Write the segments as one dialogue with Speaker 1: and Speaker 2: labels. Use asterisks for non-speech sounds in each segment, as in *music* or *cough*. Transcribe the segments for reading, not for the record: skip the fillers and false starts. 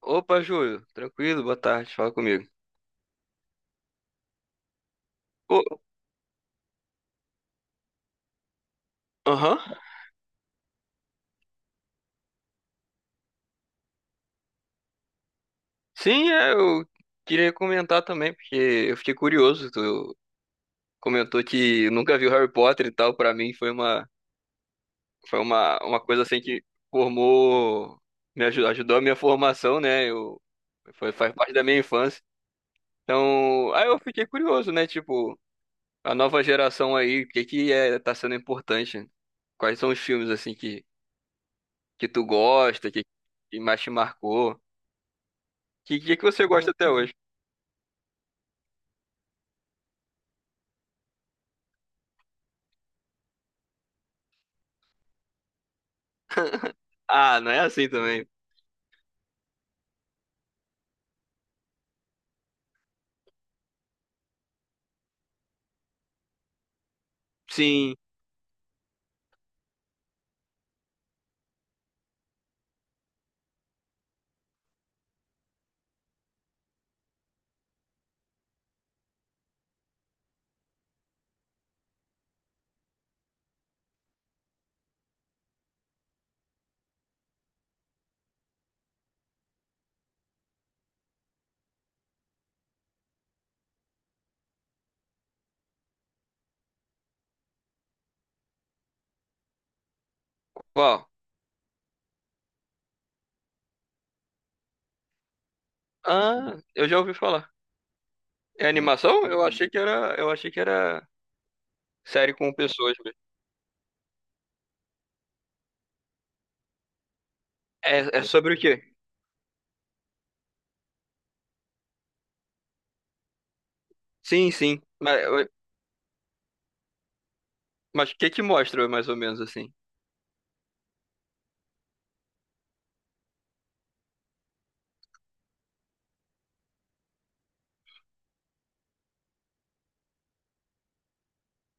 Speaker 1: Opa, Júlio, tranquilo, boa tarde, fala comigo. Ô, aham, sim, eu queria comentar também, porque eu fiquei curioso, tu comentou que nunca viu Harry Potter e tal. Pra mim foi uma coisa assim que formou, me ajudou a minha formação, né? Faz parte da minha infância. Então, aí eu fiquei curioso, né, tipo, a nova geração aí, o que que é, tá sendo importante, quais são os filmes assim que tu gosta, que mais te marcou. Que dia que você gosta até hoje? Ah, não é assim também. Sim. Qual? Ah, eu já ouvi falar. É animação? Eu achei que era série com pessoas mesmo. É, é sobre o quê? Sim, sim. Mas o que que mostra mais ou menos assim?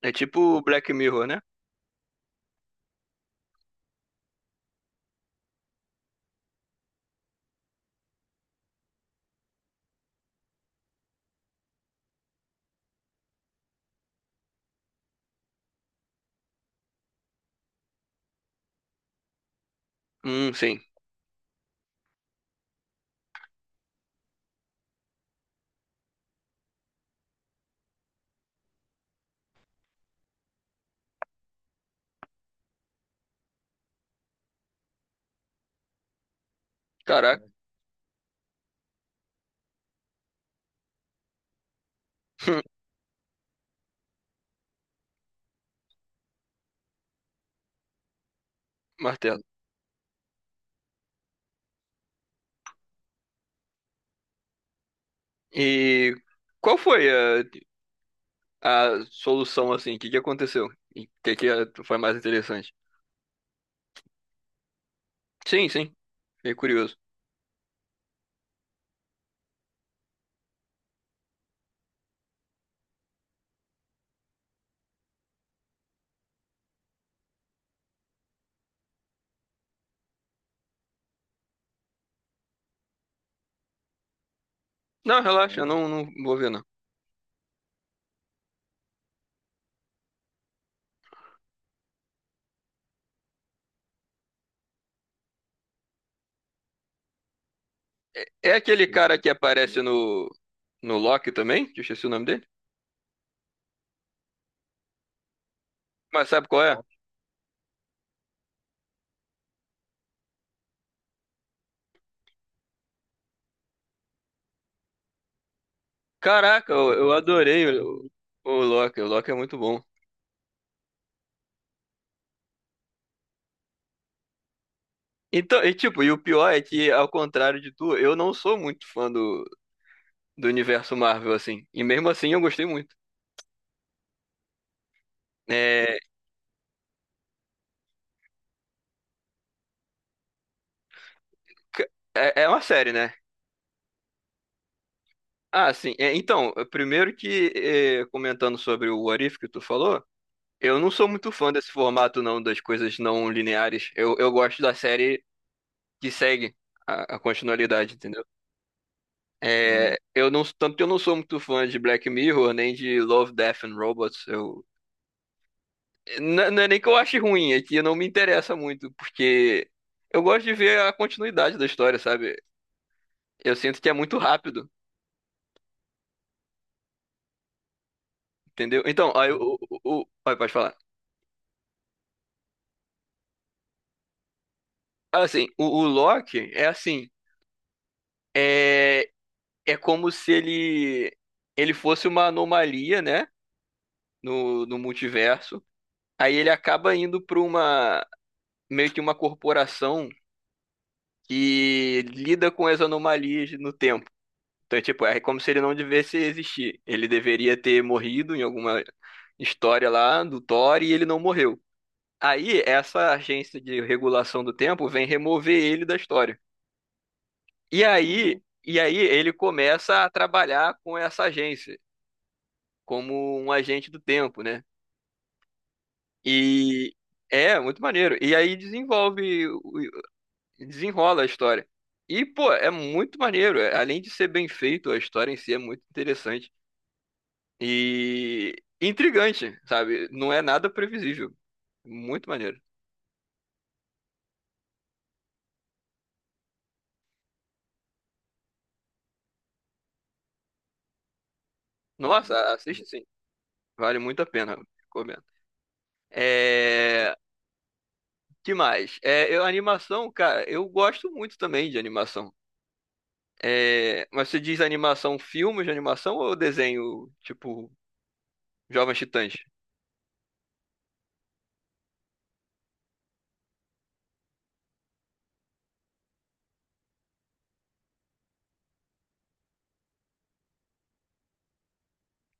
Speaker 1: É tipo Black Mirror, né? Sim. Caraca. *laughs* Martelo. E qual foi a solução assim? O que que aconteceu? E o que que foi mais interessante? Sim, sim. Fiquei curioso. Não, relaxa, eu não, não vou ver não. É aquele cara que aparece no, no Loki também? Que eu esqueci o nome dele. Mas sabe qual é? Caraca, eu adorei o Loki. O Loki é muito bom. Então, e tipo, e o pior é que, ao contrário de tu, eu não sou muito fã do, do universo Marvel, assim. E mesmo assim eu gostei muito. É, c- é, é uma série, né? Ah, sim. É, então, primeiro que, é, comentando sobre o What If que tu falou, eu não sou muito fã desse formato, não, das coisas não lineares. Eu gosto da série que segue a continualidade, entendeu? Hum. É, eu não, tanto que eu não sou muito fã de Black Mirror, nem de Love, Death and Robots. Eu, não, não é nem que eu ache ruim, é que não me interessa muito, porque eu gosto de ver a continuidade da história, sabe? Eu sinto que é muito rápido, entendeu? Então, aí aí pode falar. Assim, o Loki é assim, é, é como se ele, ele fosse uma anomalia, né? No, no multiverso. Aí ele acaba indo para uma meio que uma corporação que lida com as anomalias no tempo. Então, tipo, é como se ele não devesse existir. Ele deveria ter morrido em alguma história lá do Thor e ele não morreu. Aí, essa agência de regulação do tempo vem remover ele da história. E aí ele começa a trabalhar com essa agência, como um agente do tempo, né? E é muito maneiro. E desenrola a história. E, pô, é muito maneiro. Além de ser bem feito, a história em si é muito interessante. E intrigante, sabe? Não é nada previsível. Muito maneiro. Nossa, assiste sim. Vale muito a pena. Recomendo. É... Que mais? É, eu, animação, cara, eu gosto muito também de animação. Mas você diz animação, filmes de animação ou desenho, tipo, Jovens Titãs?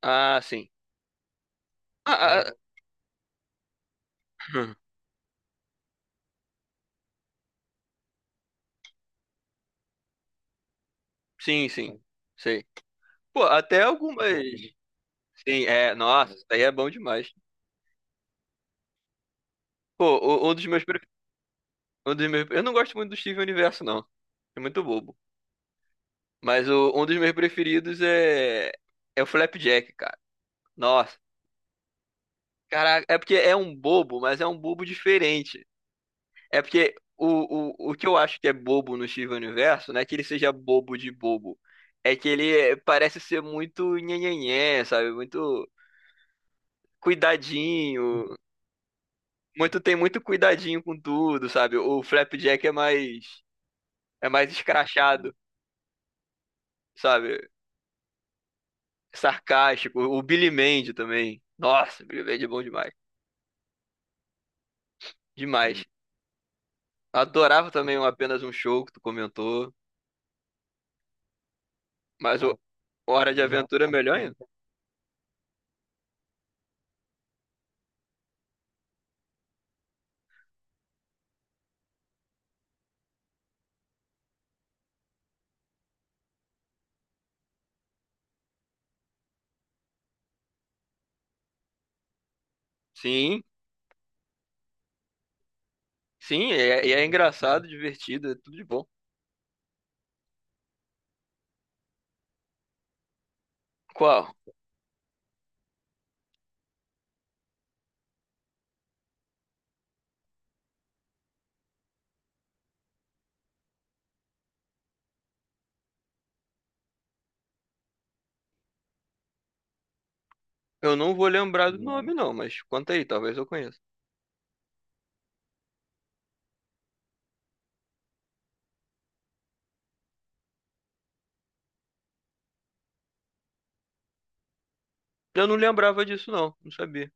Speaker 1: Ah, sim. Ah, ah, ah. *clears throat* Sim, sim. Sei. Pô, até algumas. Sim, é. Nossa, isso daí é bom demais. Pô, o- um dos meus, pre- um dos meus. Eu não gosto muito do Steven Universo, não. É muito bobo. Mas um dos meus preferidos é. É o Flapjack, cara. Nossa. Caraca, é porque é um bobo, mas é um bobo diferente. É porque o que eu acho que é bobo no Steven Universo, não é que ele seja bobo de bobo. É que ele parece ser muito nhenhenhé, sabe? Muito cuidadinho. Muito Tem muito cuidadinho com tudo, sabe? O Flapjack é mais escrachado, sabe? Sarcástico. O Billy Mandy também. Nossa, Billy Mandy é bom demais. Demais. Adorava também o apenas um show que tu comentou, mas o Hora de Aventura é melhor ainda. Sim, sim, e é engraçado, divertido, é tudo de bom. Qual? Eu não vou lembrar do nome não, mas conta aí, talvez eu conheça. Eu não lembrava disso não, não sabia.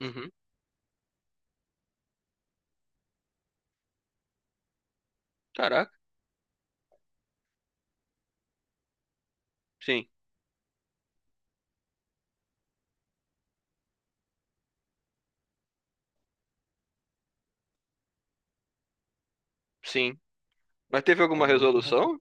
Speaker 1: Uhum. Caraca, sim, sim. Mas teve alguma resolução?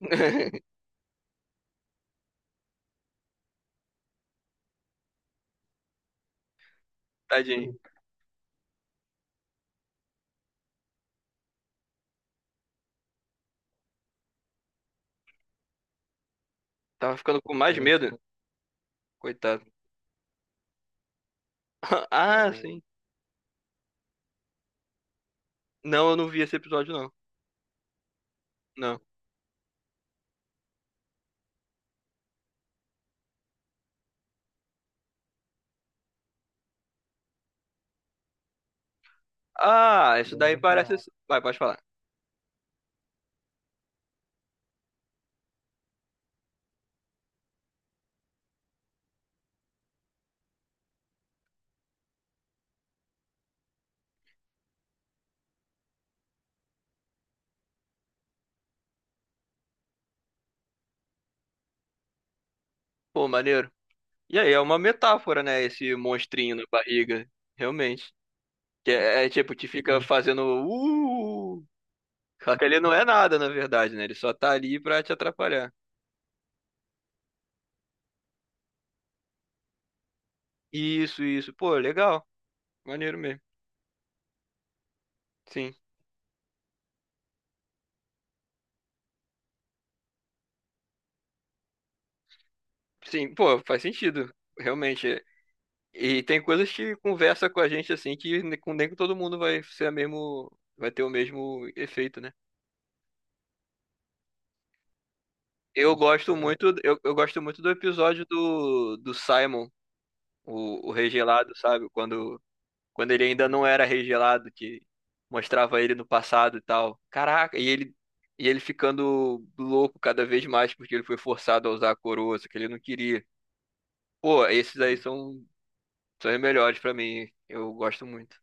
Speaker 1: *laughs* Tadinho. Tava ficando com mais é, medo. Coitado. *laughs* Ah, é, sim. Não, eu não vi esse episódio, não. Não. Ah, isso daí parece. Vai, pode falar. Pô, maneiro. E aí, é uma metáfora, né? Esse monstrinho na barriga. Realmente. Que é, é tipo, te fica fazendo. Só que ele não é nada, na verdade, né? Ele só tá ali pra te atrapalhar. Isso, isso. Pô, legal. Maneiro mesmo. Sim. Sim, pô, faz sentido. Realmente. E tem coisas que conversa com a gente assim que nem com todo mundo vai ser a mesmo, vai ter o mesmo efeito, né? Eu gosto muito do episódio do, do Simon, o Rei Gelado, sabe? Quando, quando ele ainda não era Rei Gelado, que mostrava ele no passado e tal. Caraca, e ele ficando louco cada vez mais porque ele foi forçado a usar a coroa, só que ele não queria. Pô, esses aí são os melhores pra mim. Eu gosto muito.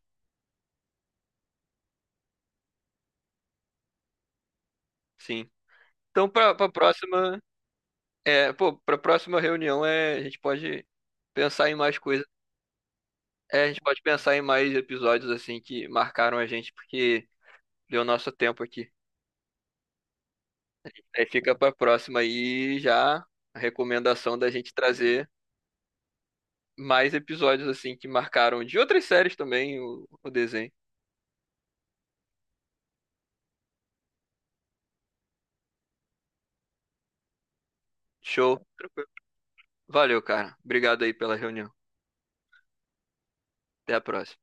Speaker 1: Sim. Então, pra próxima pra próxima reunião a gente pode pensar em mais coisas. É, a gente pode pensar em mais episódios assim que marcaram a gente, porque deu nosso tempo aqui. Aí fica pra próxima aí já a recomendação da gente trazer mais episódios assim que marcaram de outras séries também o desenho. Show. Tranquilo. Valeu, cara. Obrigado aí pela reunião. Até a próxima.